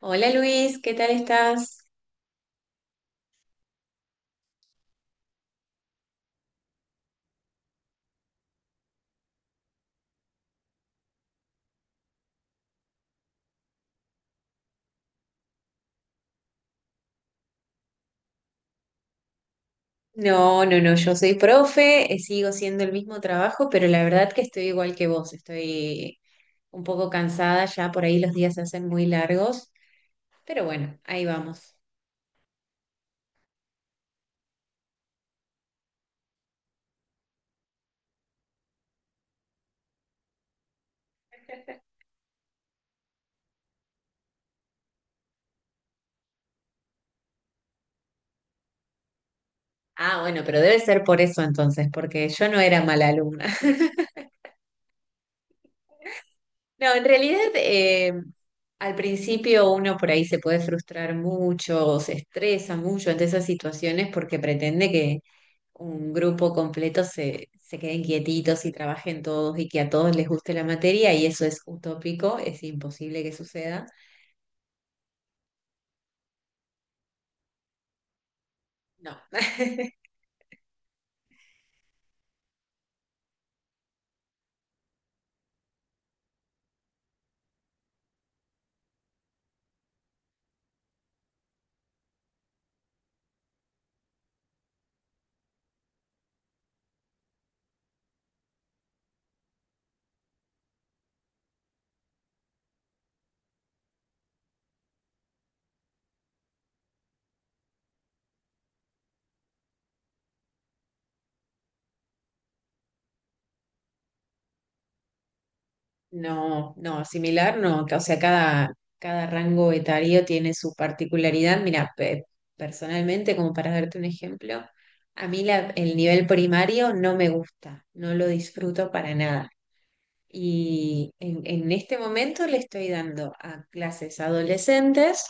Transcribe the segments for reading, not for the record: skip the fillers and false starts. Hola Luis, ¿qué tal estás? No, no, no, yo soy profe, sigo siendo el mismo trabajo, pero la verdad que estoy igual que vos, estoy un poco cansada, ya por ahí los días se hacen muy largos, pero bueno, ahí vamos. Ah, bueno, pero debe ser por eso entonces, porque yo no era mala alumna. No, en realidad al principio uno por ahí se puede frustrar mucho, o se estresa mucho ante esas situaciones porque pretende que un grupo completo se queden quietitos y trabajen todos y que a todos les guste la materia y eso es utópico, es imposible que suceda. No, no, no, similar no, o sea, cada rango etario tiene su particularidad. Mira, personalmente, como para darte un ejemplo, a mí el nivel primario no me gusta, no lo disfruto para nada. Y en este momento le estoy dando a clases adolescentes.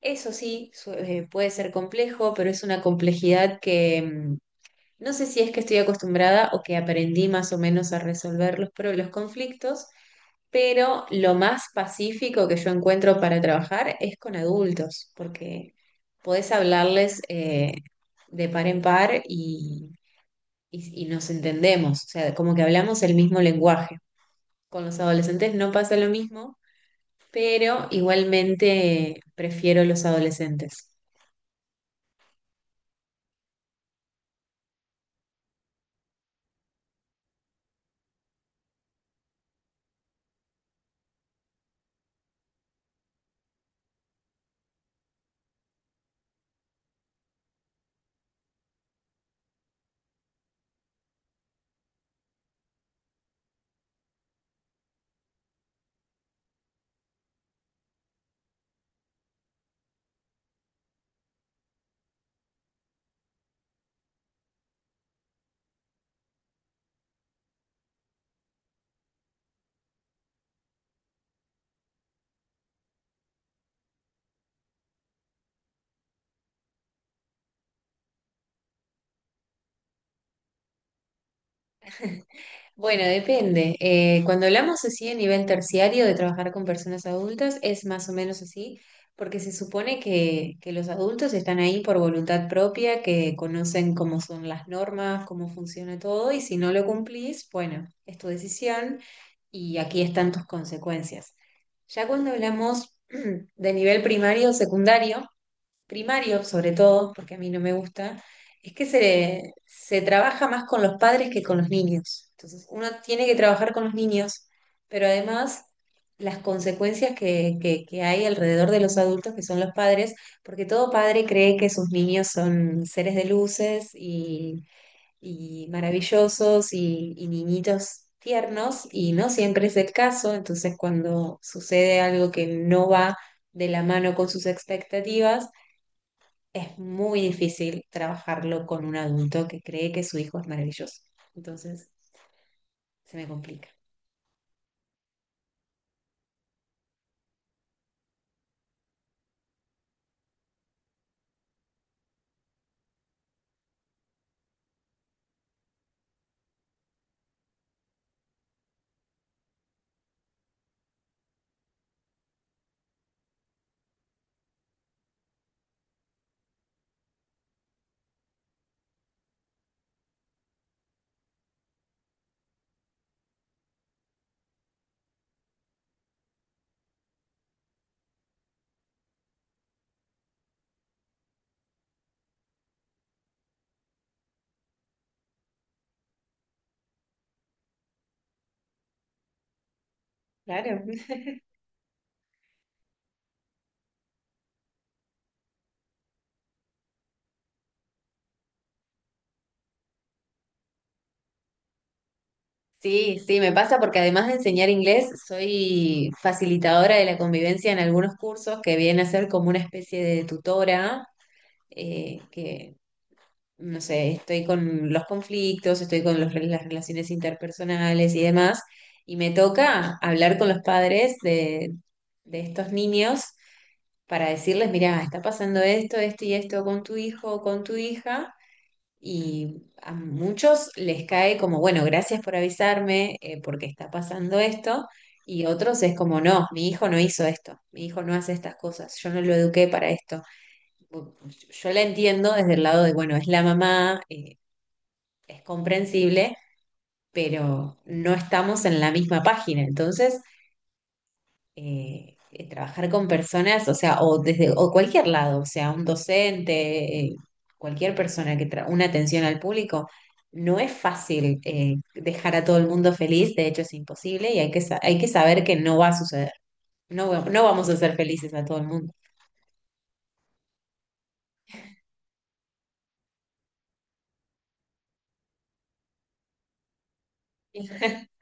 Eso sí, puede ser complejo, pero es una complejidad que no sé si es que estoy acostumbrada o que aprendí más o menos a resolver los conflictos, pero lo más pacífico que yo encuentro para trabajar es con adultos, porque podés hablarles de par en par y, y nos entendemos, o sea, como que hablamos el mismo lenguaje. Con los adolescentes no pasa lo mismo, pero igualmente prefiero los adolescentes. Bueno, depende. Cuando hablamos así a nivel terciario de trabajar con personas adultas, es más o menos así, porque se supone que los adultos están ahí por voluntad propia, que conocen cómo son las normas, cómo funciona todo, y si no lo cumplís, bueno, es tu decisión y aquí están tus consecuencias. Ya cuando hablamos de nivel primario o secundario, primario, sobre todo, porque a mí no me gusta, es que se trabaja más con los padres que con los niños. Entonces, uno tiene que trabajar con los niños, pero además las consecuencias que hay alrededor de los adultos, que son los padres, porque todo padre cree que sus niños son seres de luces y maravillosos y niñitos tiernos, y no siempre es el caso. Entonces, cuando sucede algo que no va de la mano con sus expectativas, es muy difícil trabajarlo con un adulto que cree que su hijo es maravilloso. Entonces, se me complica. Claro. Sí, sí, me pasa porque además de enseñar inglés, soy facilitadora de la convivencia en algunos cursos que viene a ser como una especie de tutora, eh, que, no sé, estoy con los conflictos, estoy con las relaciones interpersonales y demás, y me toca hablar con los padres de estos niños para decirles, mirá, está pasando esto, esto y esto con tu hijo o con tu hija. Y a muchos les cae como, bueno, gracias por avisarme porque está pasando esto. Y otros es como, no, mi hijo no hizo esto, mi hijo no hace estas cosas, yo no lo eduqué para esto. Bu- Yo la entiendo desde el lado de, bueno, es la mamá, es comprensible, pero no estamos en la misma página. Entonces, trabajar con personas, o sea, o desde o cualquier lado, o sea, un docente, cualquier persona que tra una atención al público, no es fácil dejar a todo el mundo feliz, de hecho es imposible y hay que hay que saber que no va a suceder, no, no vamos a ser felices a todo el mundo.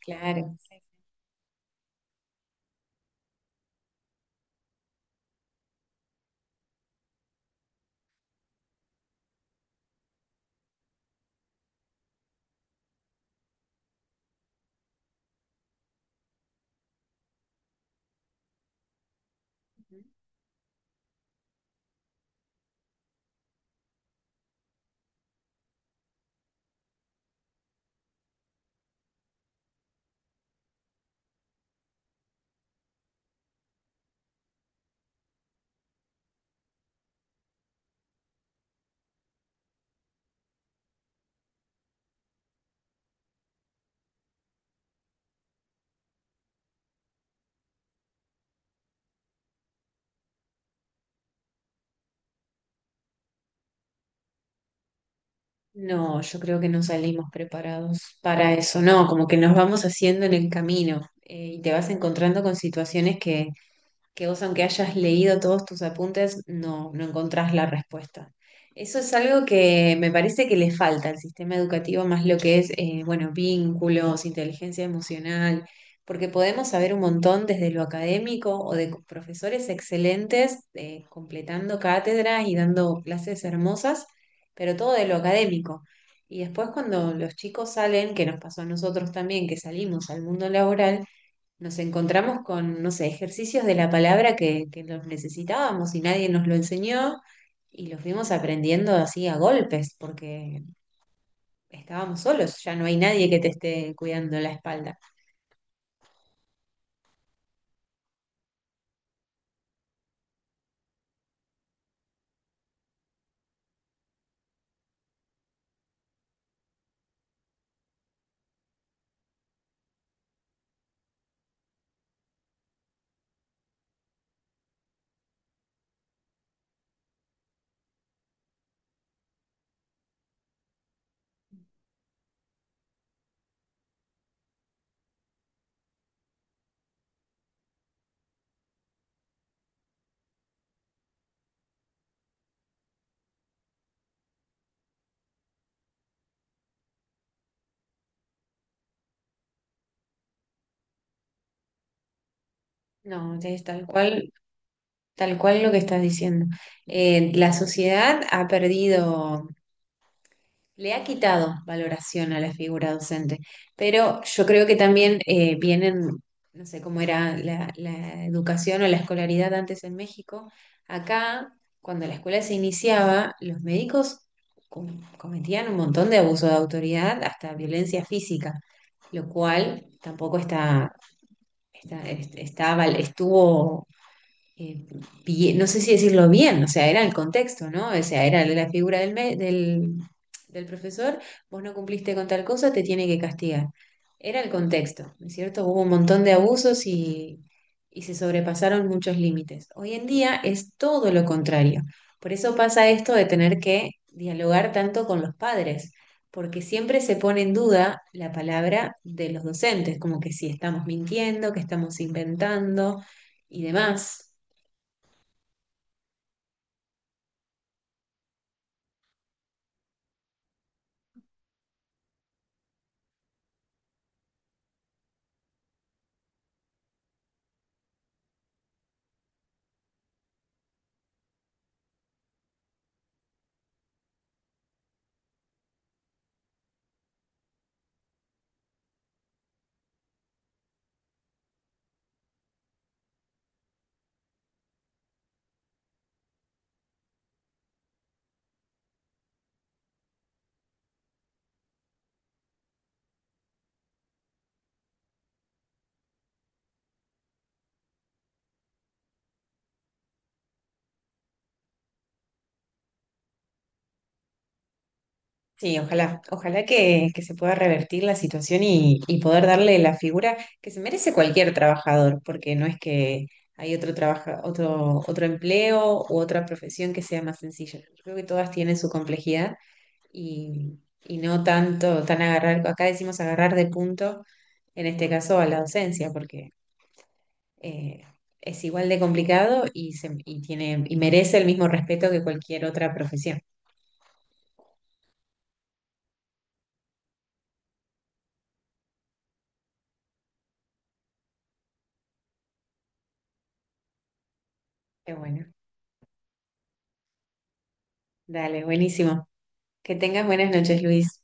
Claro. No, yo creo que no salimos preparados para eso, no, como que nos vamos haciendo en el camino y te vas encontrando con situaciones que vos aunque hayas leído todos tus apuntes, no, no encontrás la respuesta. Eso es algo que me parece que le falta al sistema educativo, más lo que es, bueno, vínculos, inteligencia emocional, porque podemos saber un montón desde lo académico o de profesores excelentes, completando cátedras y dando clases hermosas, pero todo de lo académico. Y después cuando los chicos salen, que nos pasó a nosotros también, que salimos al mundo laboral, nos encontramos con, no sé, ejercicios de la palabra que los necesitábamos y nadie nos lo enseñó y los fuimos aprendiendo así a golpes porque estábamos solos, ya no hay nadie que te esté cuidando la espalda. No, es tal cual lo que estás diciendo. La sociedad ha perdido. Le ha quitado valoración a la figura docente, pero yo creo que también no sé cómo era la educación o la escolaridad antes en México. Acá, cuando la escuela se iniciaba, los médicos cometían un montón de abuso de autoridad, hasta violencia física, lo cual tampoco está, está, est- está val- estuvo eh, no sé si decirlo bien, o sea, era el contexto, ¿no? O sea, era la figura del, del, del profesor, vos no cumpliste con tal cosa, te tiene que castigar. Era el contexto, ¿no es cierto? Hubo un montón de abusos y se sobrepasaron muchos límites. Hoy en día es todo lo contrario. Por eso pasa esto de tener que dialogar tanto con los padres, porque siempre se pone en duda la palabra de los docentes, como que si estamos mintiendo, que estamos inventando y demás. Sí, ojalá, ojalá que se pueda revertir la situación y poder darle la figura que se merece cualquier trabajador, porque no es que hay otro trabaja, otro, otro empleo u otra profesión que sea más sencilla. Yo creo que todas tienen su complejidad y no tanto, tan agarrar, acá decimos agarrar de punto, en este caso a la docencia, porque eh, es igual de complicado y, y tiene, y merece el mismo respeto que cualquier otra profesión. Qué bueno. Dale, buenísimo. Que tengas buenas noches, Luis.